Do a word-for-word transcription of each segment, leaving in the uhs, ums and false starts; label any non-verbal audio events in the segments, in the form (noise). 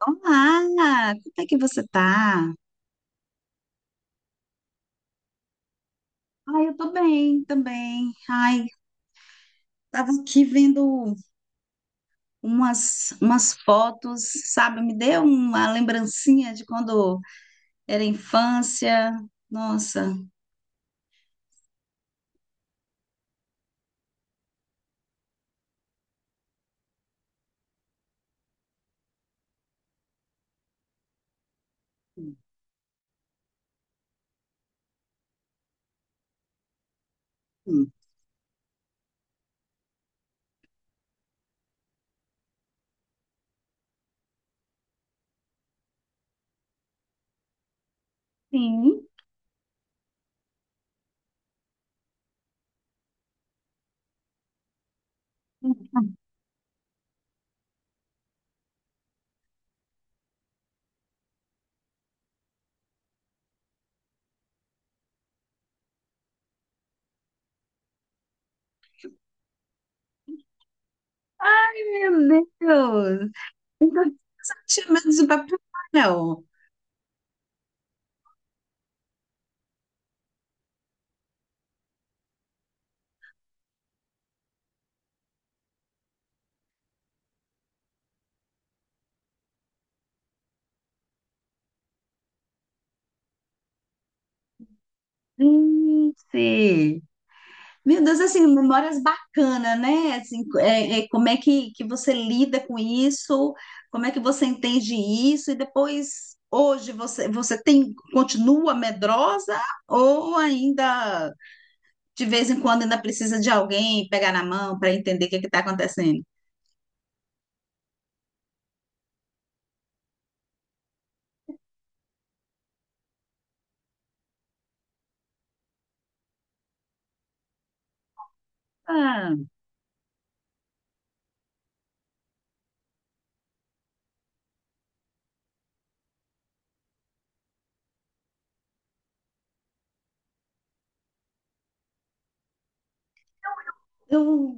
Olá, como é que você tá? Ai, eu tô bem também. Ai, tava aqui vendo umas, umas fotos, sabe? Me deu uma lembrancinha de quando era infância. Nossa. Hum. Sim. Meu Deus! Tinha medo de Papai Noel. Gente! Meu Deus, assim, memórias bacanas, né? Assim, é, é, como é que, que você lida com isso? Como é que você entende isso? E depois, hoje, você, você tem, continua medrosa ou ainda, de vez em quando, ainda precisa de alguém pegar na mão para entender o que está acontecendo? Ah, eu,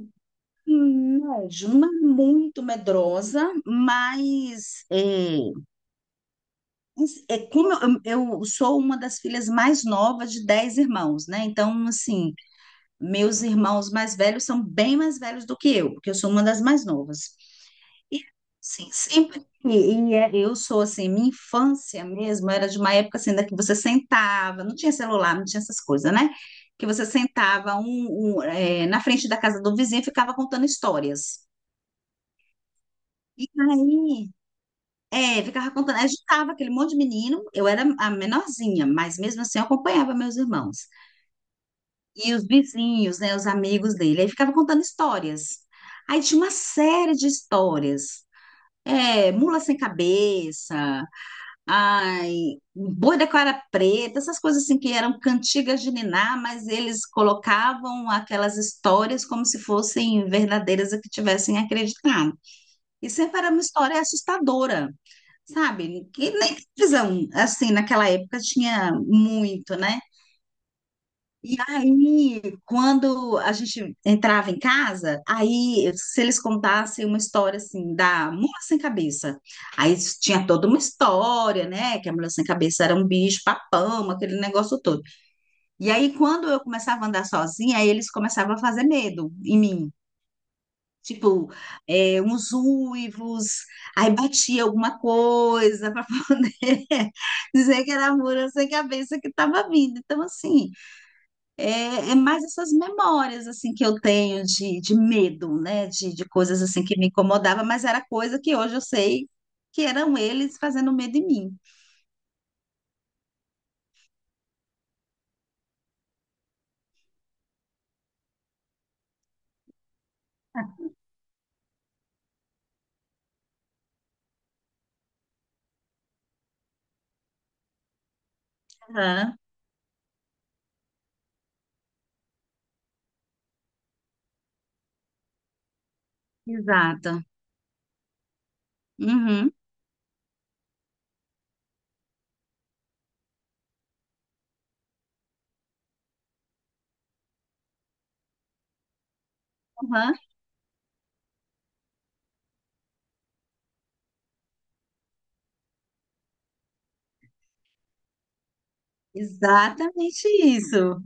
hum, não, Ju, não é muito medrosa, mas... é, é como eu, eu sou uma das filhas mais novas de dez irmãos, né? Então, assim, meus irmãos mais velhos são bem mais velhos do que eu, porque eu sou uma das mais novas. E, assim, sempre. E, e é- eu sou, assim, minha infância mesmo era de uma época, assim, da que você sentava, não tinha celular, não tinha essas coisas, né? Que você sentava um, um, é, na frente da casa do vizinho e ficava contando histórias. E aí, É, ficava contando. Eu juntava aquele monte de menino, eu era a menorzinha, mas mesmo assim eu acompanhava meus irmãos. E os vizinhos, né, os amigos dele. Aí ficava contando histórias. Aí tinha uma série de histórias. É, mula sem cabeça, ai, boi da cara preta, essas coisas assim que eram cantigas de niná, mas eles colocavam aquelas histórias como se fossem verdadeiras e que tivessem acreditado. E sempre era uma história assustadora, sabe? E nem televisão, assim, naquela época tinha muito, né? E aí, quando a gente entrava em casa, aí se eles contassem uma história assim da mula sem cabeça, aí tinha toda uma história, né? Que a mula sem cabeça era um bicho papão, aquele negócio todo. E aí, quando eu começava a andar sozinha, aí eles começavam a fazer medo em mim. Tipo, é, uns uivos, aí batia alguma coisa para (laughs) poder dizer que era mura sem cabeça que estava vindo. Então, assim, é, é mais essas memórias assim que eu tenho de, de medo, né? De, de coisas assim que me incomodava, mas era coisa que hoje eu sei que eram eles fazendo medo em mim. Aham, exato. Uhum, uhum. Exatamente isso.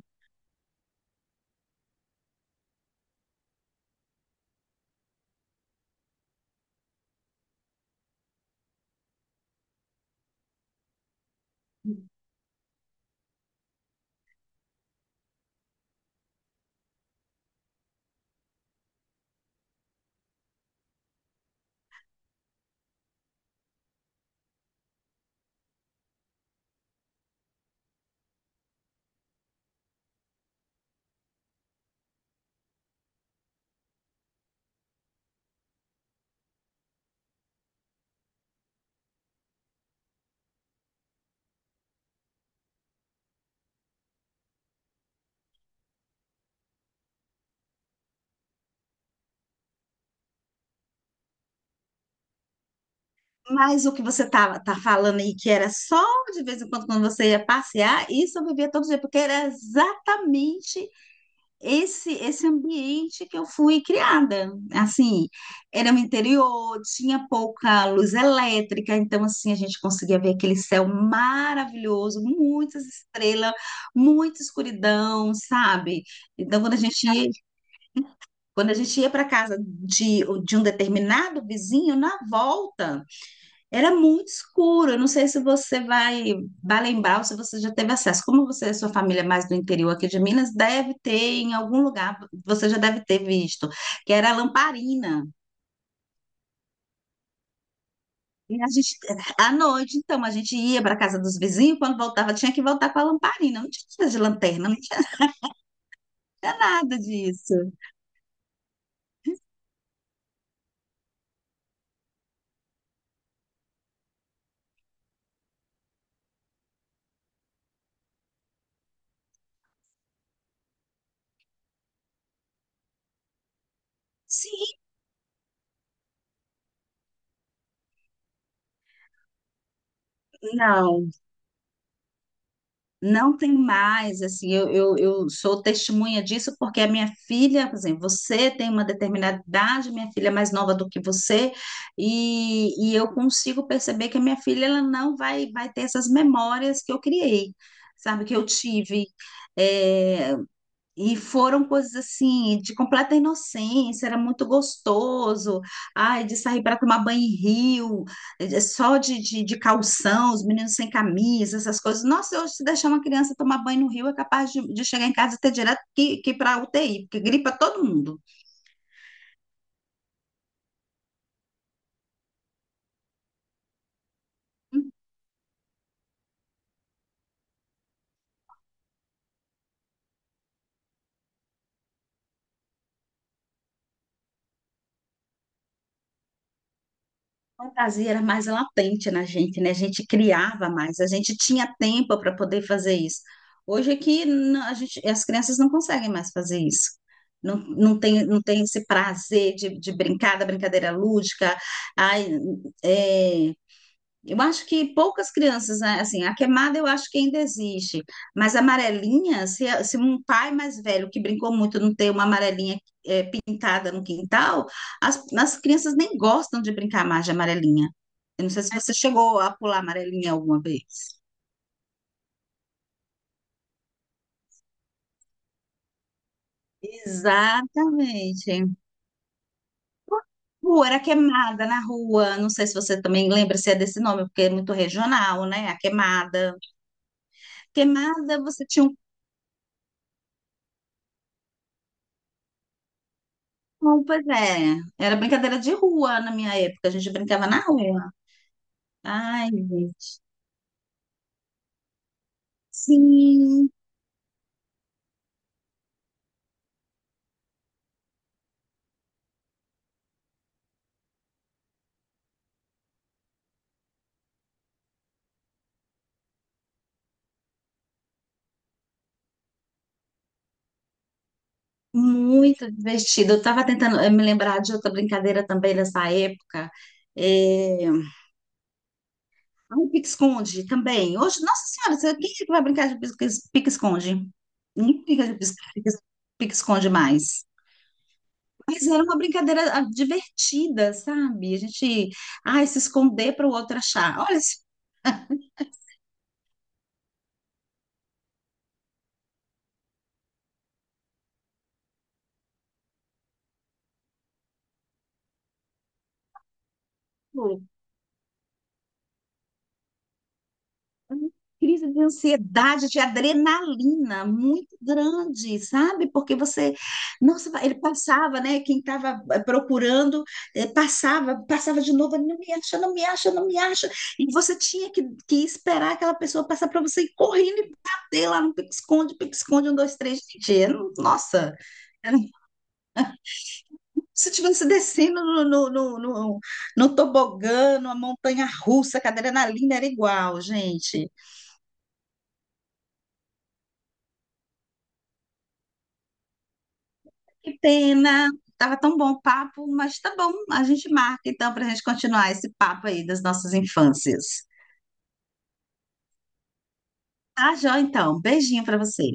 Mas o que você estava tá falando aí, que era só de vez em quando, quando você ia passear, isso eu vivia todo dia, porque era exatamente esse esse ambiente que eu fui criada. Assim, era no interior, tinha pouca luz elétrica, então, assim, a gente conseguia ver aquele céu maravilhoso, muitas estrelas, muita escuridão, sabe? Então, quando a gente ia, quando a gente ia para casa de, de um determinado vizinho, na volta. Era muito escuro. Eu não sei se você vai, vai lembrar ou se você já teve acesso. Como você e sua família é mais do interior aqui de Minas, deve ter em algum lugar, você já deve ter visto, que era a lamparina. E a gente, à noite, então, a gente ia para a casa dos vizinhos, quando voltava, tinha que voltar com a lamparina. Não tinha coisa de lanterna, não tinha nada disso. Sim, não. Não tem mais, assim, eu, eu, eu sou testemunha disso porque a minha filha, por exemplo, você tem uma determinada idade, minha filha é mais nova do que você, e, e eu consigo perceber que a minha filha ela não vai, vai ter essas memórias que eu criei, sabe, que eu tive. É, e foram coisas assim, de completa inocência, era muito gostoso. Ai, de sair para tomar banho em rio, eh, eh, só de, de, de calção, os meninos sem camisa, essas coisas. Nossa, hoje, se deixar uma criança tomar banho no rio, é capaz de, de chegar em casa e ter direto que, que para U T I, porque gripa todo mundo. A fantasia era mais latente na gente, né? A gente criava mais, a gente tinha tempo para poder fazer isso. Hoje é que não- a gente, as crianças não conseguem mais fazer isso. Não, não tem, não tem esse prazer de, de brincar, da brincadeira lúdica. Ai, é, eu acho que poucas crianças, né, assim, a queimada eu acho que ainda existe, mas a amarelinha, se, a- se um pai mais velho que brincou muito não tem uma amarelinha eh, pintada no quintal, as, as crianças nem gostam de brincar mais de amarelinha. Eu não sei se você chegou a pular amarelinha alguma vez. Exatamente. Pô, era queimada na rua, não sei se você também lembra se é desse nome, porque é muito regional, né? A queimada. Queimada, você tinha um... Não, pois é. Era brincadeira de rua na minha época. A gente brincava na rua. Ai, gente. Sim, muito divertido. Eu estava tentando eh, me lembrar de outra brincadeira também nessa época. É... ai, pique-esconde também. Hoje, nossa senhora, você- quem é que vai brincar de pique- pique-esconde? Ninguém brinca de pique- pique-esconde mais. Mas era uma brincadeira ah, divertida, sabe? A gente, ai, se esconder para o outro achar. Olha, isso. Uma crise de ansiedade, de adrenalina muito grande, sabe? Porque você, nossa, ele passava, né? Quem estava procurando, eh, passava, passava de novo, não me acha, não me acha, não me acha. E você tinha que, que esperar aquela pessoa passar para você ir correndo e bater lá no pique-esconde, pique-esconde, um, dois, três, gente. eu- Nossa! Era um, como se estivesse descendo no, no, no, no, no tobogã, numa montanha russa, que a adrenalina era igual, gente. Que pena. Tava tão bom o papo, mas tá bom. A gente marca então para a gente continuar esse papo aí das nossas infâncias. Tá, joia, então. Beijinho para você.